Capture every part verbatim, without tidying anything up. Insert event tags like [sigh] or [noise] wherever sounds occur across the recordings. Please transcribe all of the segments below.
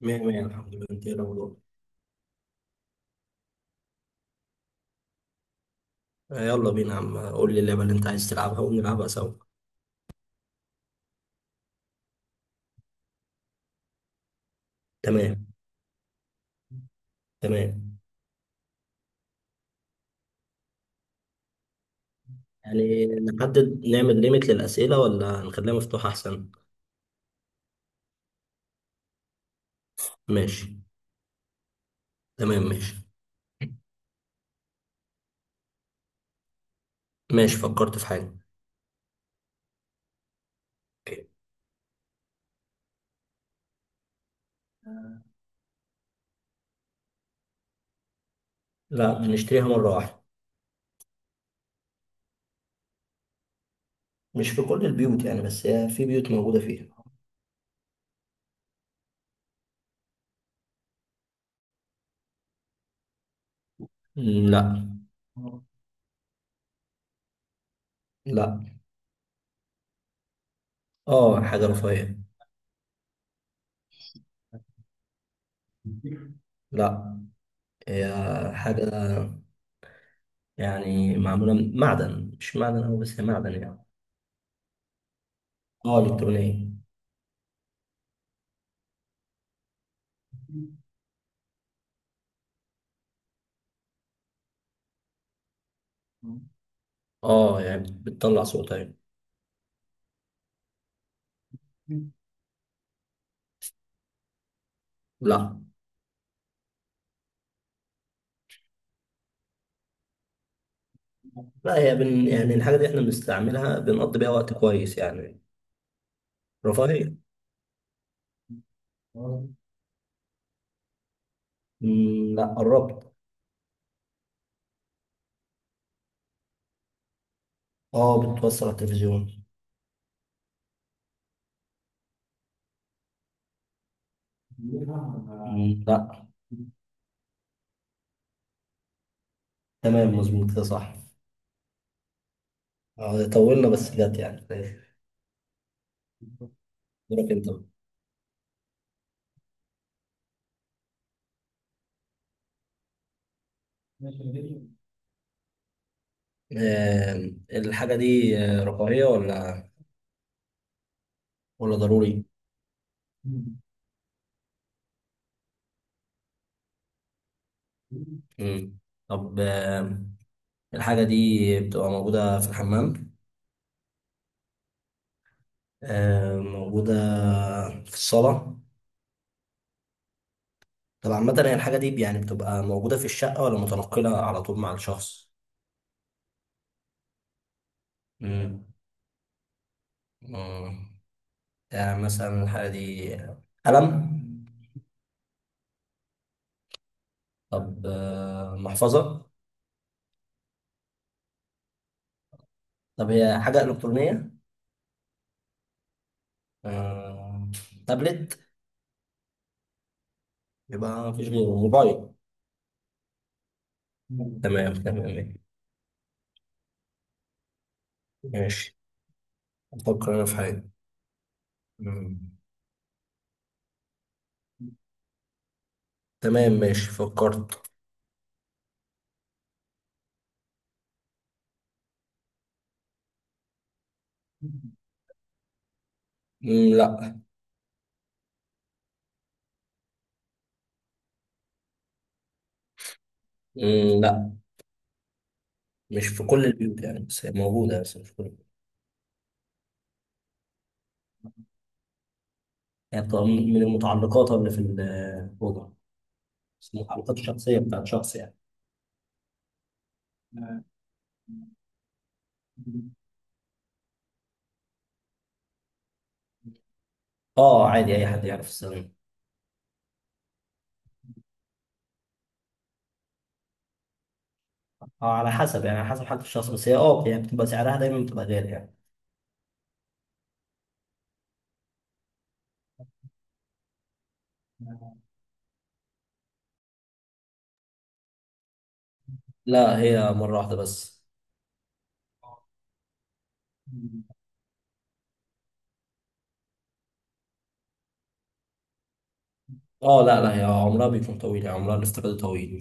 مية مية الحمد لله، انت ايه الاخبار؟ آه، يلا بينا يا عم، قول لي اللعبة اللي انت عايز تلعبها ونلعبها سوا. تمام. تمام. يعني نحدد نعمل ليميت للأسئلة ولا نخليها مفتوحة أحسن؟ ماشي. تمام ماشي. ماشي، فكرت في حاجة. اوكي. لا، بنشتريها مرة واحدة. مش في كل البيوت يعني، بس هي في بيوت موجودة فيها. لا. لا. اه، حاجة رفاهية. لا، هي حاجة يعني معمولة من معدن، مش معدن أوي بس هي معدن يعني. اه، إلكترونية. اه، يعني بتطلع صوت. ايوه. مم. لا. لا، هي بن يعني الحاجة دي احنا بنستعملها، بنقضي بيها وقت كويس يعني. رفاهية. مم، لا قربت. اه، بتوصل على التلفزيون. مم، لا. تمام، مظبوط، ده صح. آه، طولنا بس جت يعني. ماشي. دورك انت بقى. آه، الحاجة دي آه، رفاهية ولا ولا ضروري؟ مم. طب آه، الحاجة دي بتبقى موجودة في الحمام؟ آه، موجودة في الصالة. طب عامة هي الحاجة دي يعني بتبقى موجودة في الشقة ولا متنقلة على طول مع الشخص؟ مم. مم. يعني مثلا الحاجة دي قلم. طب آه، محفظة. طب هي حاجة إلكترونية. آه، تابلت. يبقى مفيش غيره موبايل. مم. تمام. تمام. ماشي، أفكر أنا في حاجة. مم. تمام ماشي، فكرت. مم، لا. مم، لا. مش في كل البيوت يعني، بس هي موجودة بس مش في كل. يعني بتبقى من من المتعلقات اللي في الأوضة، بس المتعلقات الشخصية بتاعت شخص يعني. اه، عادي أي حد يعرف الصينية. اه، على حسب يعني على حسب حالة الشخص، بس هي اه يعني بتبقى سعرها دايما بتبقى غالي يعني. لا، هي مرة واحدة بس. اه. لا. لا، هي عمرها بيكون طويل، يعني عمرها الاستفادة طويل.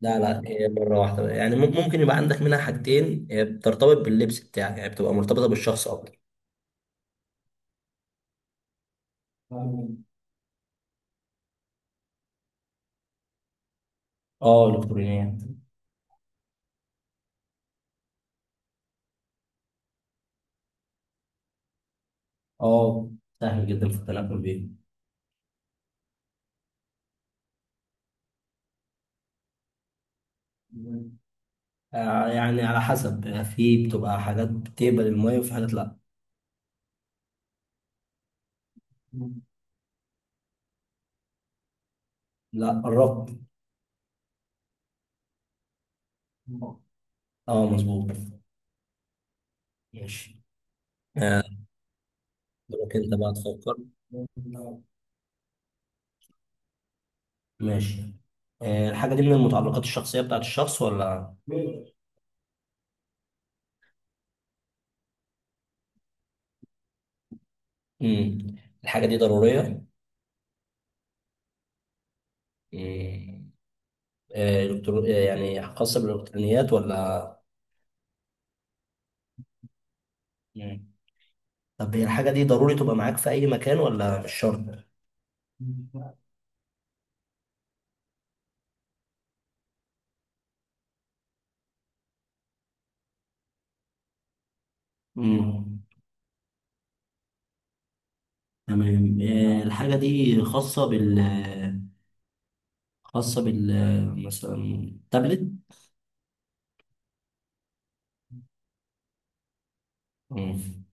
لا. لا، هي مرة واحدة يعني مم- ممكن يبقى عندك منها حاجتين، هي بترتبط باللبس بتاعك يعني، بتبقى مرتبطة بالشخص أكتر. اه، إلكترونيات. اه، سهل جدا في التنقل بيه. آه، يعني على حسب، يعني في بتبقى حاجات بتقبل المية وفي حاجات لا. لا، قربت. اه، مظبوط. ماشي. آه، دورك انت بقى تفكر. ماشي. آه، الحاجة دي من المتعلقات الشخصية بتاعت الشخص ولا. مم. الحاجة دي ضرورية. مم. آه، إلكترو... آه، يعني خاصة بالإلكترونيات ولا. مم. طب هي الحاجة دي ضروري تبقى معاك في أي مكان ولا مش شرط؟ مم. تمام. آه، الحاجة دي خاصة بال خاصة بال مثلا تابلت. مم.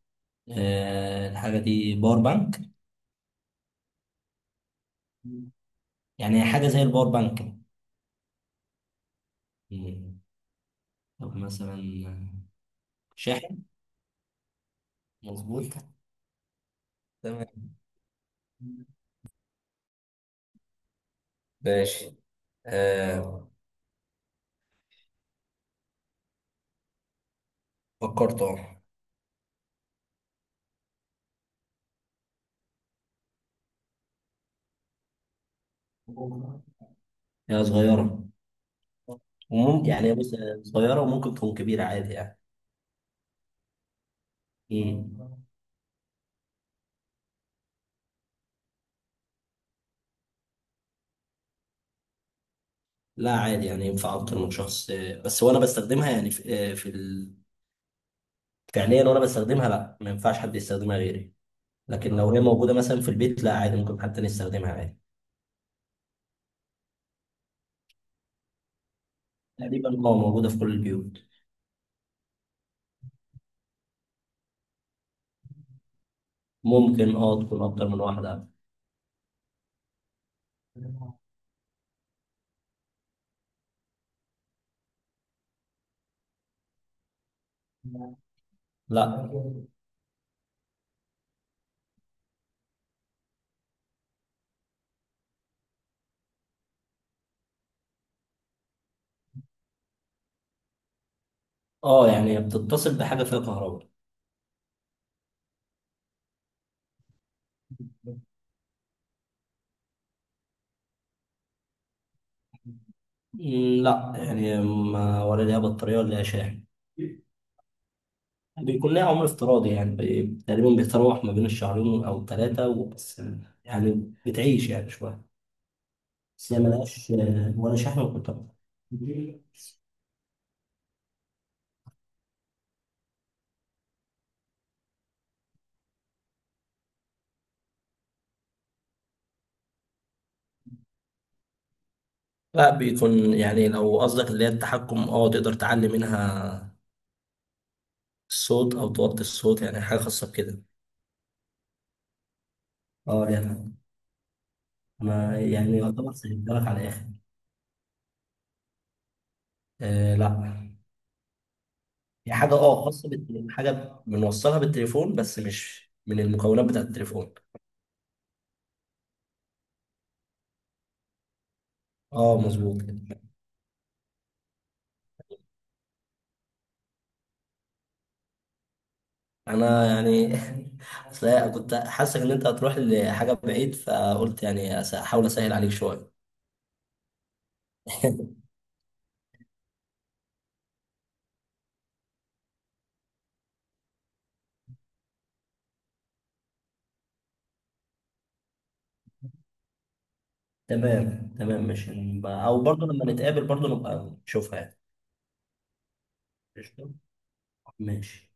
آه، الحاجة دي باور بانك. يعني حاجة زي الباور بانك. مم. طب مثلا شاحن. مظبوط. تمام. ماشي. آه فكرت اه. هي صغيرة وممكن يعني بص، صغيرة وممكن تكون كبيرة عادي يعني. مم. لا، عادي يعني ينفع أكتر من شخص، آه، بس وأنا بستخدمها يعني في, آه، في فعليا، وانا بستخدمها لا ما ينفعش حد يستخدمها غيري، لكن لو هي موجوده مثلا في البيت لا عادي، ممكن حد تاني يستخدمها عادي. تقريبا اه موجوده في كل البيوت. ممكن اه تكون اكتر من واحده. لا. اه، يعني بتتصل بحاجه فيها كهرباء. مم، لا، يعني ما ولا ليها بطاريه ولا ليها شاحن. بيكون ليها عمر افتراضي يعني بي- تقريبا بيتراوح ما بين الشهرين او ثلاثه وبس، يعني بتعيش يعني شويه. بس هي ملهاش آه، ولا شحن ولا كهرباء. لا، بيكون يعني لو قصدك اللي هي التحكم، اه تقدر تعلي منها الصوت او توطي الصوت، يعني حاجه خاصه بكده. اه، يعني. انا يعني يعتبر سهلتها لك على الاخر. آه، لا. هي حاجه اه خاصه بالتليفون، حاجه بنوصلها بالتليفون بس مش من المكونات بتاعت التليفون. اه، مظبوط كده. انا يعني [laughs] أصل أنا كنت حاسس ان انت هتروح لحاجه بعيد، فقلت يعني أس- احاول اسهل عليك شويه. [laughs] تمام. تمام. مش. او برضه لما نتقابل برضه نبقى نشوفها. يعني ماشي.